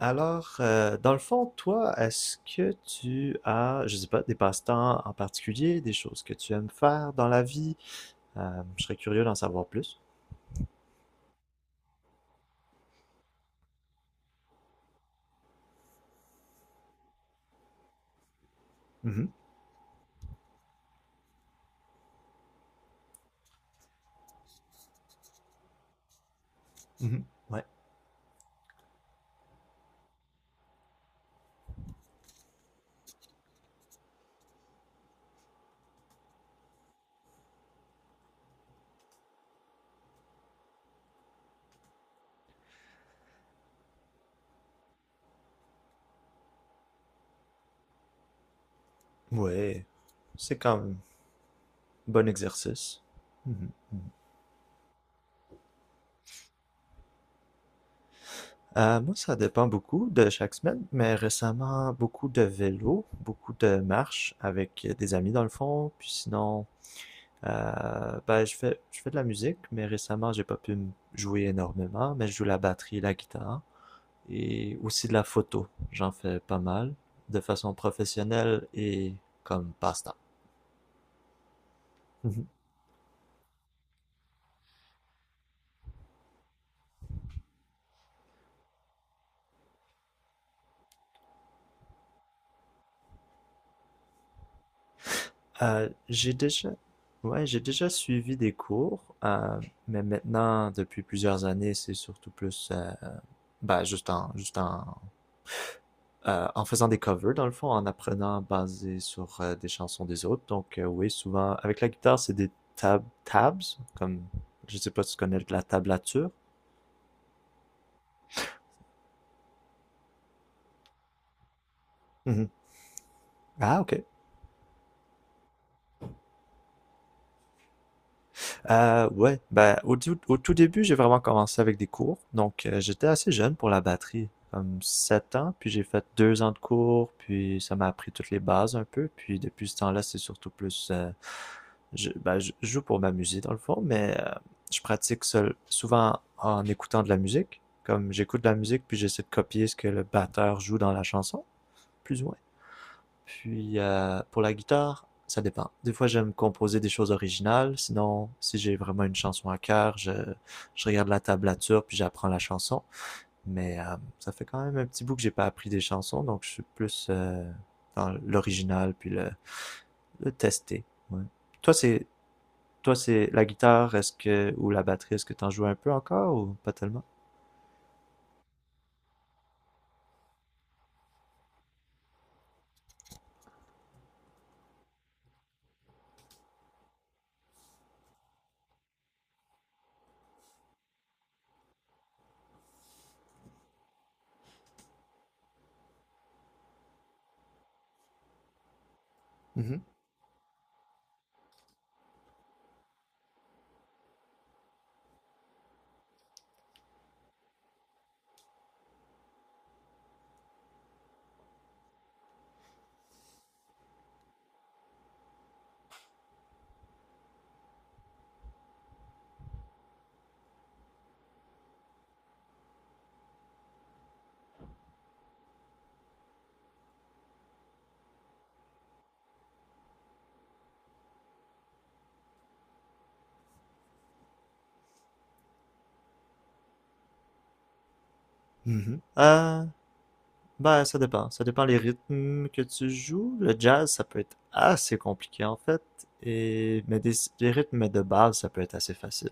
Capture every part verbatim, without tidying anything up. Alors, euh, dans le fond, toi, est-ce que tu as, je sais pas, des passe-temps en particulier, des choses que tu aimes faire dans la vie? Euh, je serais curieux d'en savoir plus. Mhm, mhm. Ouais, ouais, c'est quand même un bon exercice. Mhm, mhm. Euh, moi, ça dépend beaucoup de chaque semaine, mais récemment, beaucoup de vélo, beaucoup de marches avec des amis dans le fond, puis sinon, Euh, ben, je fais, je fais de la musique, mais récemment, j'ai pas pu m- jouer énormément, mais je joue la batterie, la guitare et aussi de la photo. J'en fais pas mal de façon professionnelle et comme passe-temps. Mhm. Euh, j'ai déjà, ouais, j'ai déjà suivi des cours, euh, mais maintenant, depuis plusieurs années, c'est surtout plus, euh, ben, juste en, juste en euh, en faisant des covers, dans le fond, en apprenant basé sur euh, des chansons des autres. Donc, euh, oui, souvent, avec la guitare, c'est des tab tabs, comme, je sais pas si tu connais la tablature. Mhm. Ah, ok. Euh, ouais, ben, au, tout- au tout début, j'ai vraiment commencé avec des cours. Donc, euh, j'étais assez jeune pour la batterie, comme sept ans, puis j'ai fait deux ans de cours, puis ça m'a appris toutes les bases un peu. Puis, depuis ce temps-là, c'est surtout plus euh, je, ben, je joue pour m'amuser dans le fond, mais euh, je pratique seul, souvent en écoutant de la musique. Comme j'écoute de la musique, puis j'essaie de copier ce que le batteur joue dans la chanson, plus ou moins. Puis euh, Pour la guitare, ça dépend. Des fois, j'aime composer des choses originales. Sinon, si j'ai vraiment une chanson à cœur, je, je regarde la tablature puis j'apprends la chanson. Mais euh, ça fait quand même un petit bout que j'ai pas appris des chansons, donc je suis plus euh, dans l'original puis le, le tester. Ouais. Toi, c'est Toi, c'est la guitare, est-ce que, ou la batterie, est-ce que t'en joues un peu encore ou pas tellement? Mhm, mhm. Euh, ben, ça dépend. Ça dépend les rythmes que tu joues. Le jazz, ça peut être assez compliqué en fait. Et, mais des, les rythmes de base, ça peut être assez facile.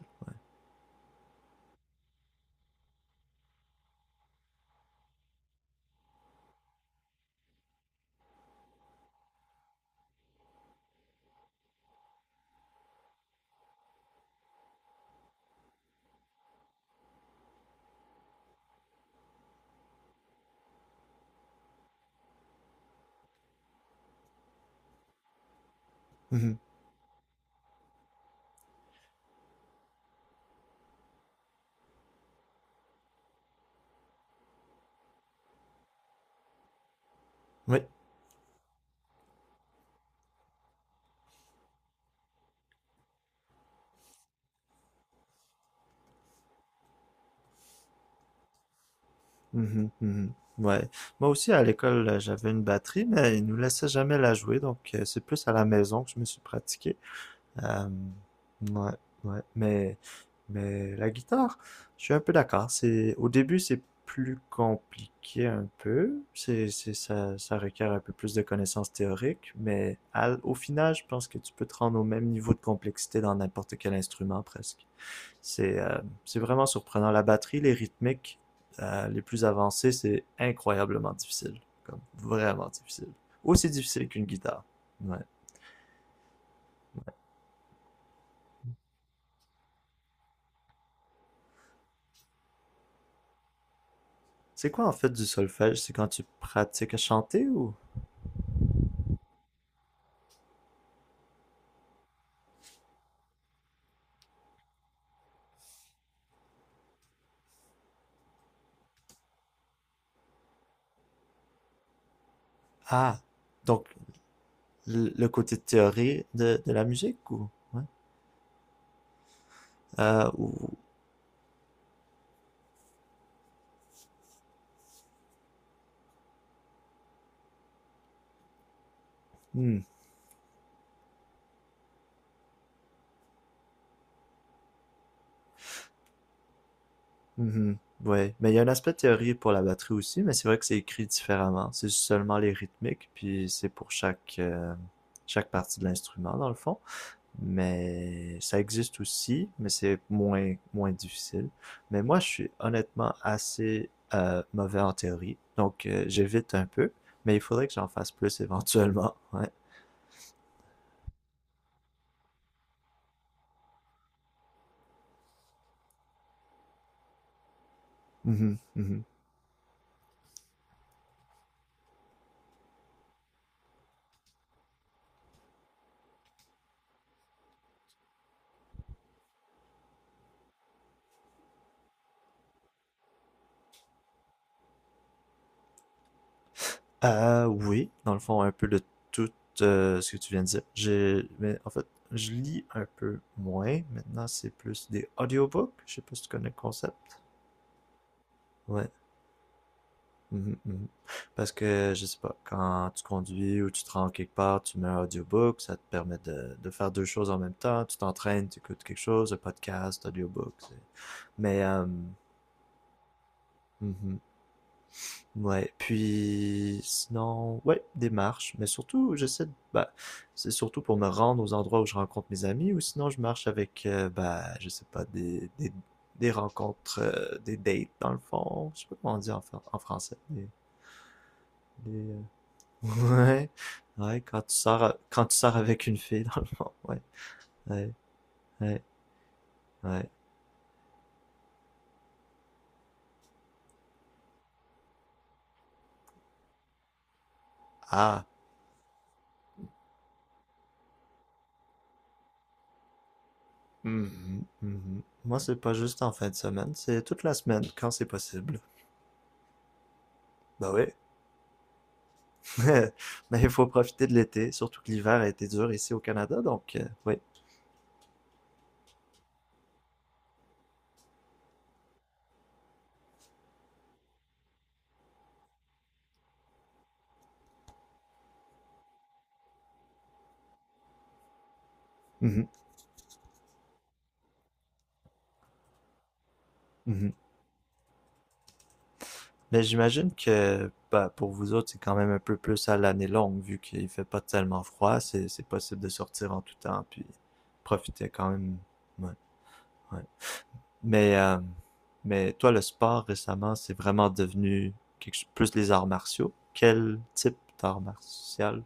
Mhm. Oui. Mhm, mhm. Ouais. Moi aussi, à l'école, euh, j'avais une batterie, mais ils nous laissaient jamais la jouer, donc euh, c'est plus à la maison que je me suis pratiqué. Euh, ouais, ouais. Mais, mais la guitare, je suis un peu d'accord. C'est, au début, c'est plus compliqué un peu. C'est, c'est, ça, ça requiert un peu plus de connaissances théoriques. Mais à- au final, je pense que tu peux te rendre au même niveau de complexité dans n'importe quel instrument presque. C'est, euh, c'est vraiment surprenant. La batterie, les rythmiques, euh, les plus avancées, c'est incroyablement difficile. Comme vraiment difficile. Aussi difficile qu'une guitare. Ouais. C'est quoi en fait du solfège? C'est quand tu pratiques à chanter ou... Ah, donc le le côté théorie de, de la musique ou... Ouais. Euh, ou... Hmm, mhm, ouais, mais il y a un aspect théorie pour la batterie aussi, mais c'est vrai que c'est écrit différemment. C'est seulement les rythmiques, puis c'est pour chaque, euh, chaque partie de l'instrument dans le fond. Mais ça existe aussi, mais c'est moins, moins difficile. Mais moi, je suis honnêtement assez euh, mauvais en théorie, donc euh, j'évite un peu, mais il faudrait que j'en fasse plus éventuellement. Ouais. Mhm, mhm. Euh, oui, dans le fond, un peu de tout euh, ce que tu viens de dire. J'ai, mais en fait, je lis un peu moins. Maintenant, c'est plus des audiobooks. Je sais pas si tu connais le concept. Ouais. Mhm, mhm. Parce que, je sais pas, quand tu conduis ou tu te rends quelque part, tu mets un audiobook, ça te permet de, de faire deux choses en même temps. Tu t'entraînes, tu écoutes quelque chose, un podcast, audiobook. C'est- Mais, euh, mhm. Ouais. Puis, sinon, ouais, des marches. Mais surtout, j'essaie de, bah, c'est surtout pour me rendre aux endroits où je rencontre mes amis ou sinon je marche avec, euh, bah, je sais pas, des, des, des rencontres, euh, des dates dans le fond. Je sais pas comment on dit en, fran- en français. Des, des, euh, Ouais. Ouais, quand tu sors, a- quand tu sors avec une fille, dans le fond. Ouais, ouais, ouais, ouais. Ah. Mhm, mhm. Moi, c'est pas juste en fin de semaine, c'est toute la semaine, quand c'est possible. Bah oui. Mais il faut profiter de l'été, surtout que l'hiver a été dur ici au Canada, donc, euh, oui. Mhm, mhm. Mais j'imagine que, bah, pour vous autres, c'est quand même un peu plus à l'année longue, vu qu'il fait pas tellement froid, c'est, c'est possible de sortir en tout temps, puis profiter quand même. Ouais, ouais. Mais, euh, mais toi, le sport récemment, c'est vraiment devenu quelque chose- plus les arts martiaux. Quel type d'art martial?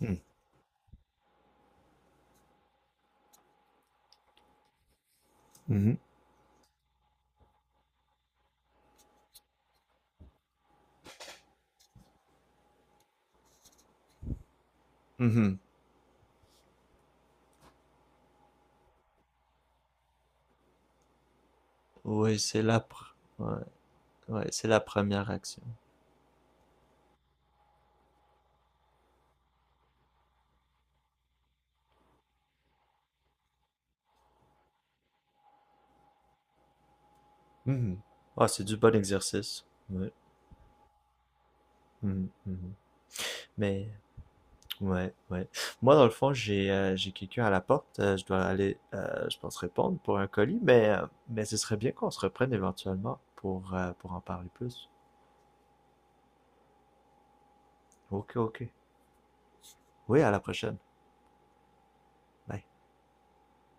Hmm. Mhm. Mhm. Oui, c'est la, pr- ouais, ouais, c'est la première action. Mhm. Ah, c'est du bon exercice. Ouais. Mhm, mhm. Mais, ouais, ouais. Moi, dans le fond, j'ai euh, j'ai quelqu'un à la porte. Euh, je dois aller, euh, je pense, répondre pour un colis, mais, euh, mais ce serait bien qu'on se reprenne éventuellement pour, euh, pour en parler plus. Ok, ok. Oui, à la prochaine. Bye.